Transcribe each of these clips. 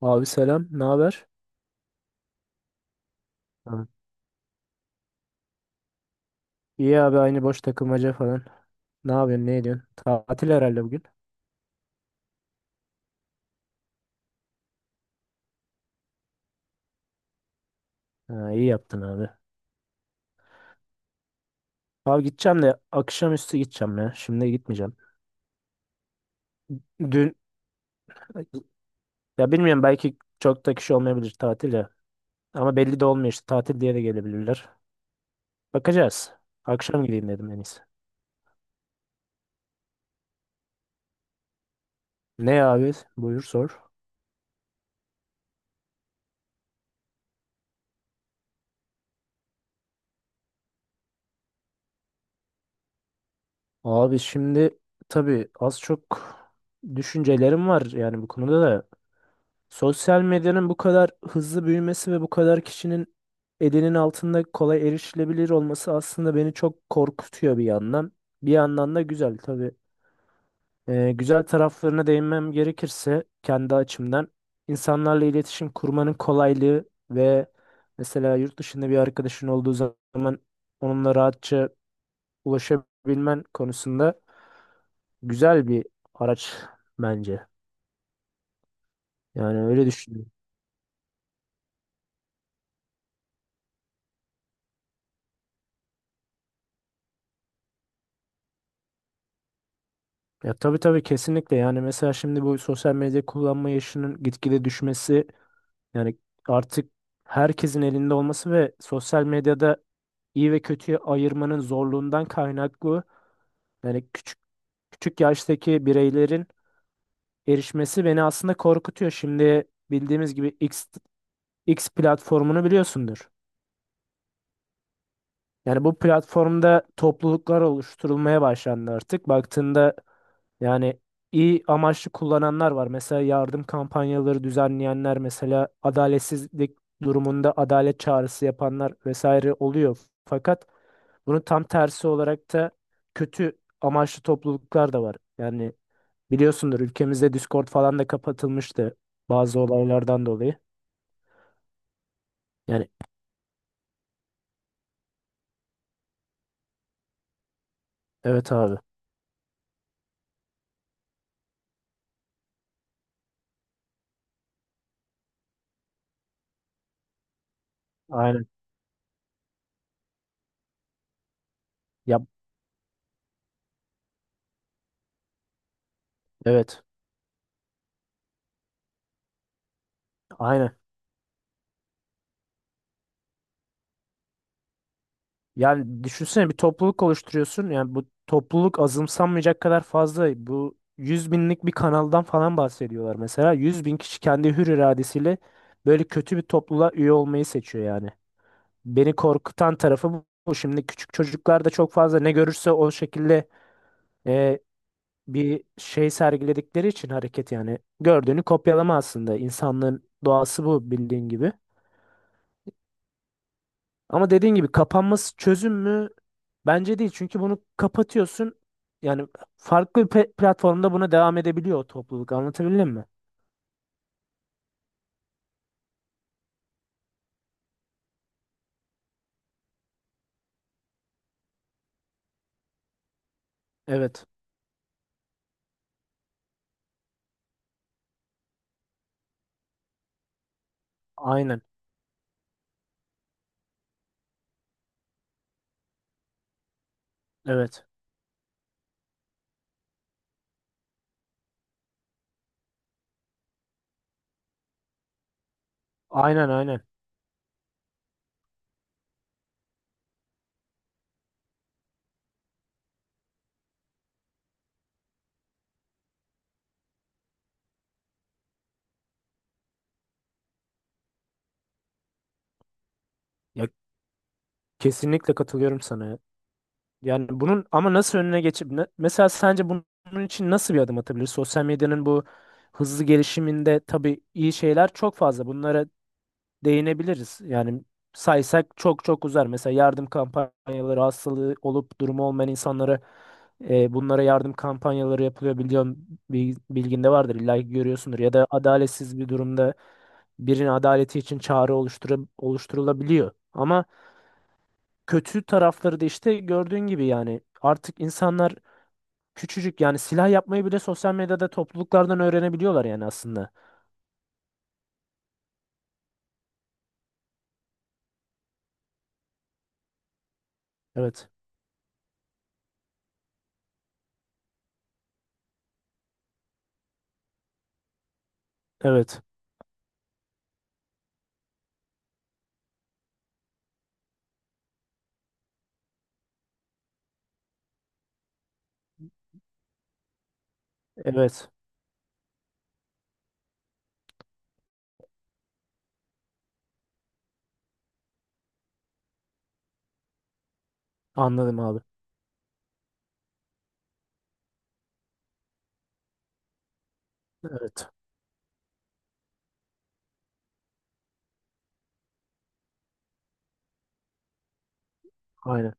Abi selam, ne haber? Ha, İyi abi aynı boş takılmaca falan. Ne yapıyorsun, ne ediyorsun? Tatil herhalde bugün. Ha, iyi yaptın abi. Abi gideceğim de akşamüstü gideceğim ya. Şimdi gitmeyeceğim. Dün ya bilmiyorum, belki çok da kişi olmayabilir tatil ya. Ama belli de olmuyor, işte tatil diye de gelebilirler. Bakacağız. Akşam gideyim dedim en iyisi. Ne abi? Buyur sor. Abi şimdi tabii az çok düşüncelerim var yani bu konuda da. Sosyal medyanın bu kadar hızlı büyümesi ve bu kadar kişinin elinin altında kolay erişilebilir olması aslında beni çok korkutuyor bir yandan. Bir yandan da güzel tabii. Güzel taraflarına değinmem gerekirse kendi açımdan insanlarla iletişim kurmanın kolaylığı ve mesela yurt dışında bir arkadaşın olduğu zaman onunla rahatça ulaşabilmen konusunda güzel bir araç bence. Yani öyle düşünüyorum. Ya tabii tabii, kesinlikle yani. Mesela şimdi bu sosyal medya kullanma yaşının gitgide düşmesi, yani artık herkesin elinde olması ve sosyal medyada iyi ve kötüyü ayırmanın zorluğundan kaynaklı yani küçük küçük yaştaki bireylerin erişmesi beni aslında korkutuyor. Şimdi bildiğimiz gibi X platformunu biliyorsundur. Yani bu platformda topluluklar oluşturulmaya başlandı artık. Baktığında yani iyi amaçlı kullananlar var. Mesela yardım kampanyaları düzenleyenler, mesela adaletsizlik durumunda adalet çağrısı yapanlar vesaire oluyor. Fakat bunun tam tersi olarak da kötü amaçlı topluluklar da var. Yani biliyorsundur, ülkemizde Discord falan da kapatılmıştı bazı olaylardan dolayı. Yani evet abi. Aynen. Ya evet. Aynen. Yani düşünsene, bir topluluk oluşturuyorsun. Yani bu topluluk azımsanmayacak kadar fazla. Bu 100 binlik bir kanaldan falan bahsediyorlar mesela. 100 bin kişi kendi hür iradesiyle böyle kötü bir topluluğa üye olmayı seçiyor yani. Beni korkutan tarafı bu. Şimdi küçük çocuklar da çok fazla ne görürse o şekilde e, bir şey sergiledikleri için hareket yani. Gördüğünü kopyalama aslında. İnsanlığın doğası bu, bildiğin gibi. Ama dediğin gibi kapanması çözüm mü? Bence değil. Çünkü bunu kapatıyorsun. Yani farklı bir platformda buna devam edebiliyor o topluluk. Anlatabildim mi? Evet. Aynen. Evet. Aynen aynen. Ya kesinlikle katılıyorum sana, ya. Yani bunun ama nasıl önüne geçip mesela sence bunun için nasıl bir adım atabilir? Sosyal medyanın bu hızlı gelişiminde tabii iyi şeyler çok fazla. Bunlara değinebiliriz. Yani saysak çok çok uzar. Mesela yardım kampanyaları, hastalığı olup durumu olmayan insanlara bunlara yardım kampanyaları yapılıyor. Biliyorum, bilginde vardır illa ki, görüyorsundur. Ya da adaletsiz bir durumda birinin adaleti için çağrı oluşturup, oluşturulabiliyor. Ama kötü tarafları da işte gördüğün gibi, yani artık insanlar küçücük, yani silah yapmayı bile sosyal medyada topluluklardan öğrenebiliyorlar yani aslında. Evet. Evet. Evet. Anladım abi. Evet. Aynen.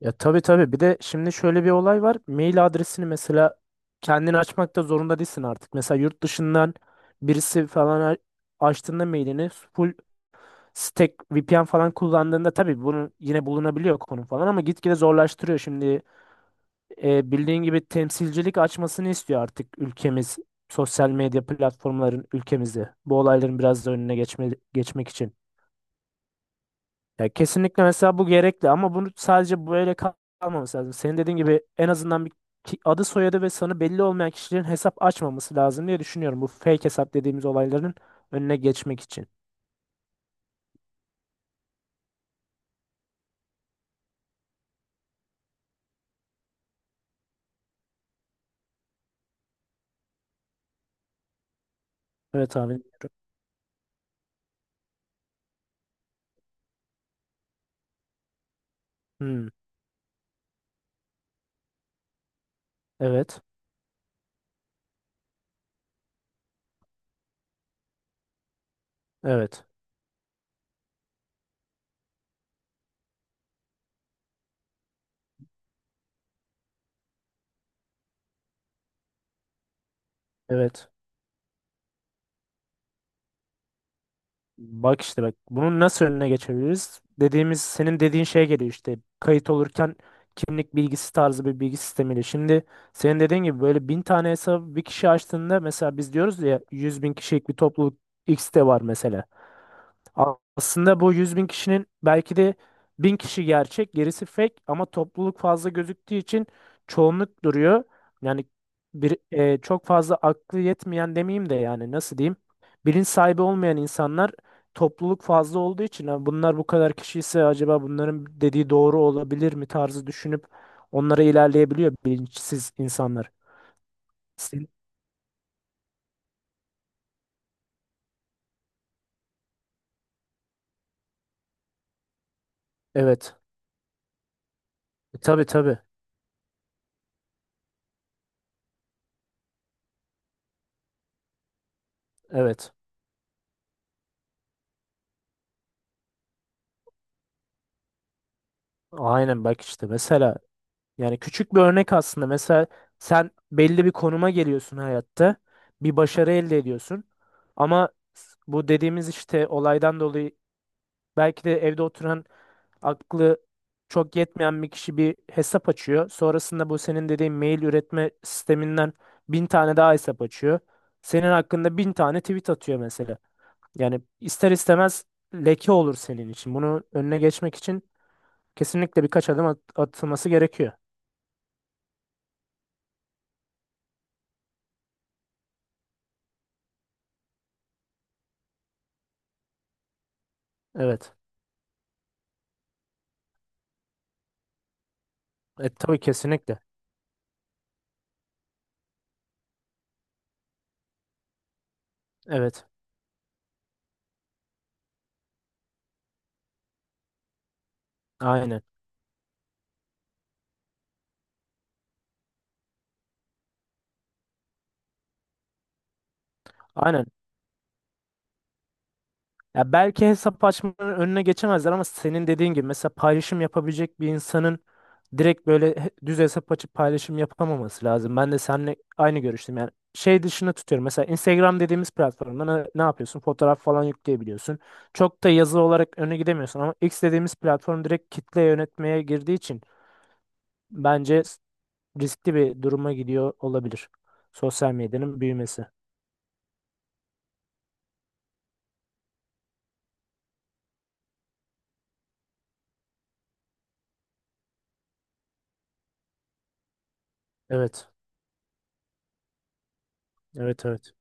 Ya tabii tabii. Bir de şimdi şöyle bir olay var. Mail adresini mesela kendini açmakta zorunda değilsin artık. Mesela yurt dışından birisi falan açtığında mailini full stack VPN falan kullandığında tabii bunu yine bulunabiliyor konu falan, ama gitgide zorlaştırıyor. Şimdi bildiğin gibi temsilcilik açmasını istiyor artık ülkemiz sosyal medya platformların ülkemizde. Bu olayların biraz da önüne geçme, geçmek için. Ya kesinlikle mesela bu gerekli, ama bunu sadece böyle kalmaması lazım. Senin dediğin gibi en azından bir adı soyadı ve sanı belli olmayan kişilerin hesap açmaması lazım diye düşünüyorum. Bu fake hesap dediğimiz olayların önüne geçmek için. Evet abi. Hmm, evet. Evet. Evet. Bak işte bak, bunun nasıl önüne geçebiliriz? Dediğimiz, senin dediğin şey geliyor işte, kayıt olurken kimlik bilgisi tarzı bir bilgi sistemiyle. Şimdi senin dediğin gibi böyle bin tane hesabı bir kişi açtığında, mesela biz diyoruz ya 100 bin kişilik bir topluluk X'te var mesela. Aslında bu 100 bin kişinin belki de bin kişi gerçek, gerisi fake, ama topluluk fazla gözüktüğü için çoğunluk duruyor. Yani bir çok fazla aklı yetmeyen demeyeyim de, yani nasıl diyeyim? Bilinç sahibi olmayan insanlar topluluk fazla olduğu için "Ha, bunlar bu kadar kişi ise acaba bunların dediği doğru olabilir mi" tarzı düşünüp onlara ilerleyebiliyor bilinçsiz insanlar. Sin- Evet. Tabii tabii. Evet. Aynen bak işte mesela, yani küçük bir örnek aslında. Mesela sen belli bir konuma geliyorsun hayatta. Bir başarı elde ediyorsun. Ama bu dediğimiz işte olaydan dolayı belki de evde oturan aklı çok yetmeyen bir kişi bir hesap açıyor. Sonrasında bu senin dediğin mail üretme sisteminden bin tane daha hesap açıyor. Senin hakkında bin tane tweet atıyor mesela. Yani ister istemez leke olur senin için. Bunu önüne geçmek için kesinlikle birkaç adım atılması gerekiyor. Evet. Tabii kesinlikle. Evet. Aynen. Aynen. Ya belki hesap açmanın önüne geçemezler, ama senin dediğin gibi mesela paylaşım yapabilecek bir insanın direkt böyle düz hesap açıp paylaşım yapamaması lazım. Ben de seninle aynı görüştüm. Yani şey dışına tutuyorum. Mesela Instagram dediğimiz platformda ne yapıyorsun? Fotoğraf falan yükleyebiliyorsun. Çok da yazı olarak öne gidemiyorsun, ama X dediğimiz platform direkt kitle yönetmeye girdiği için bence riskli bir duruma gidiyor olabilir. Sosyal medyanın büyümesi. Evet. Evet, evet.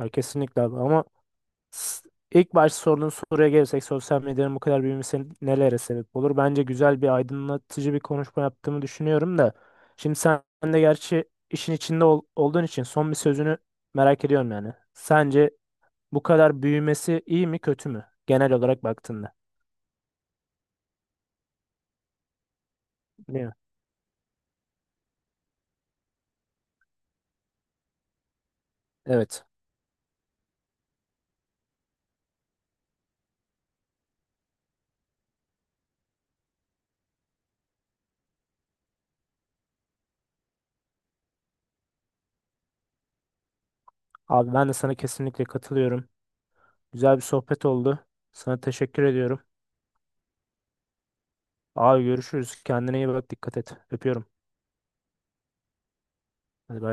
Ya kesinlikle abi, ama s- ilk başta sorduğun soruya gelirsek sosyal medyanın bu kadar büyümesi nelere sebep olur? Bence güzel bir aydınlatıcı bir konuşma yaptığımı düşünüyorum da. Şimdi sen de gerçi işin içinde olduğun için son bir sözünü merak ediyorum yani. Sence bu kadar büyümesi iyi mi kötü mü? Genel olarak baktığında. Değil mi? Evet. Abi ben de sana kesinlikle katılıyorum. Güzel bir sohbet oldu. Sana teşekkür ediyorum. Abi görüşürüz. Kendine iyi bak. Dikkat et. Öpüyorum. Hadi bay.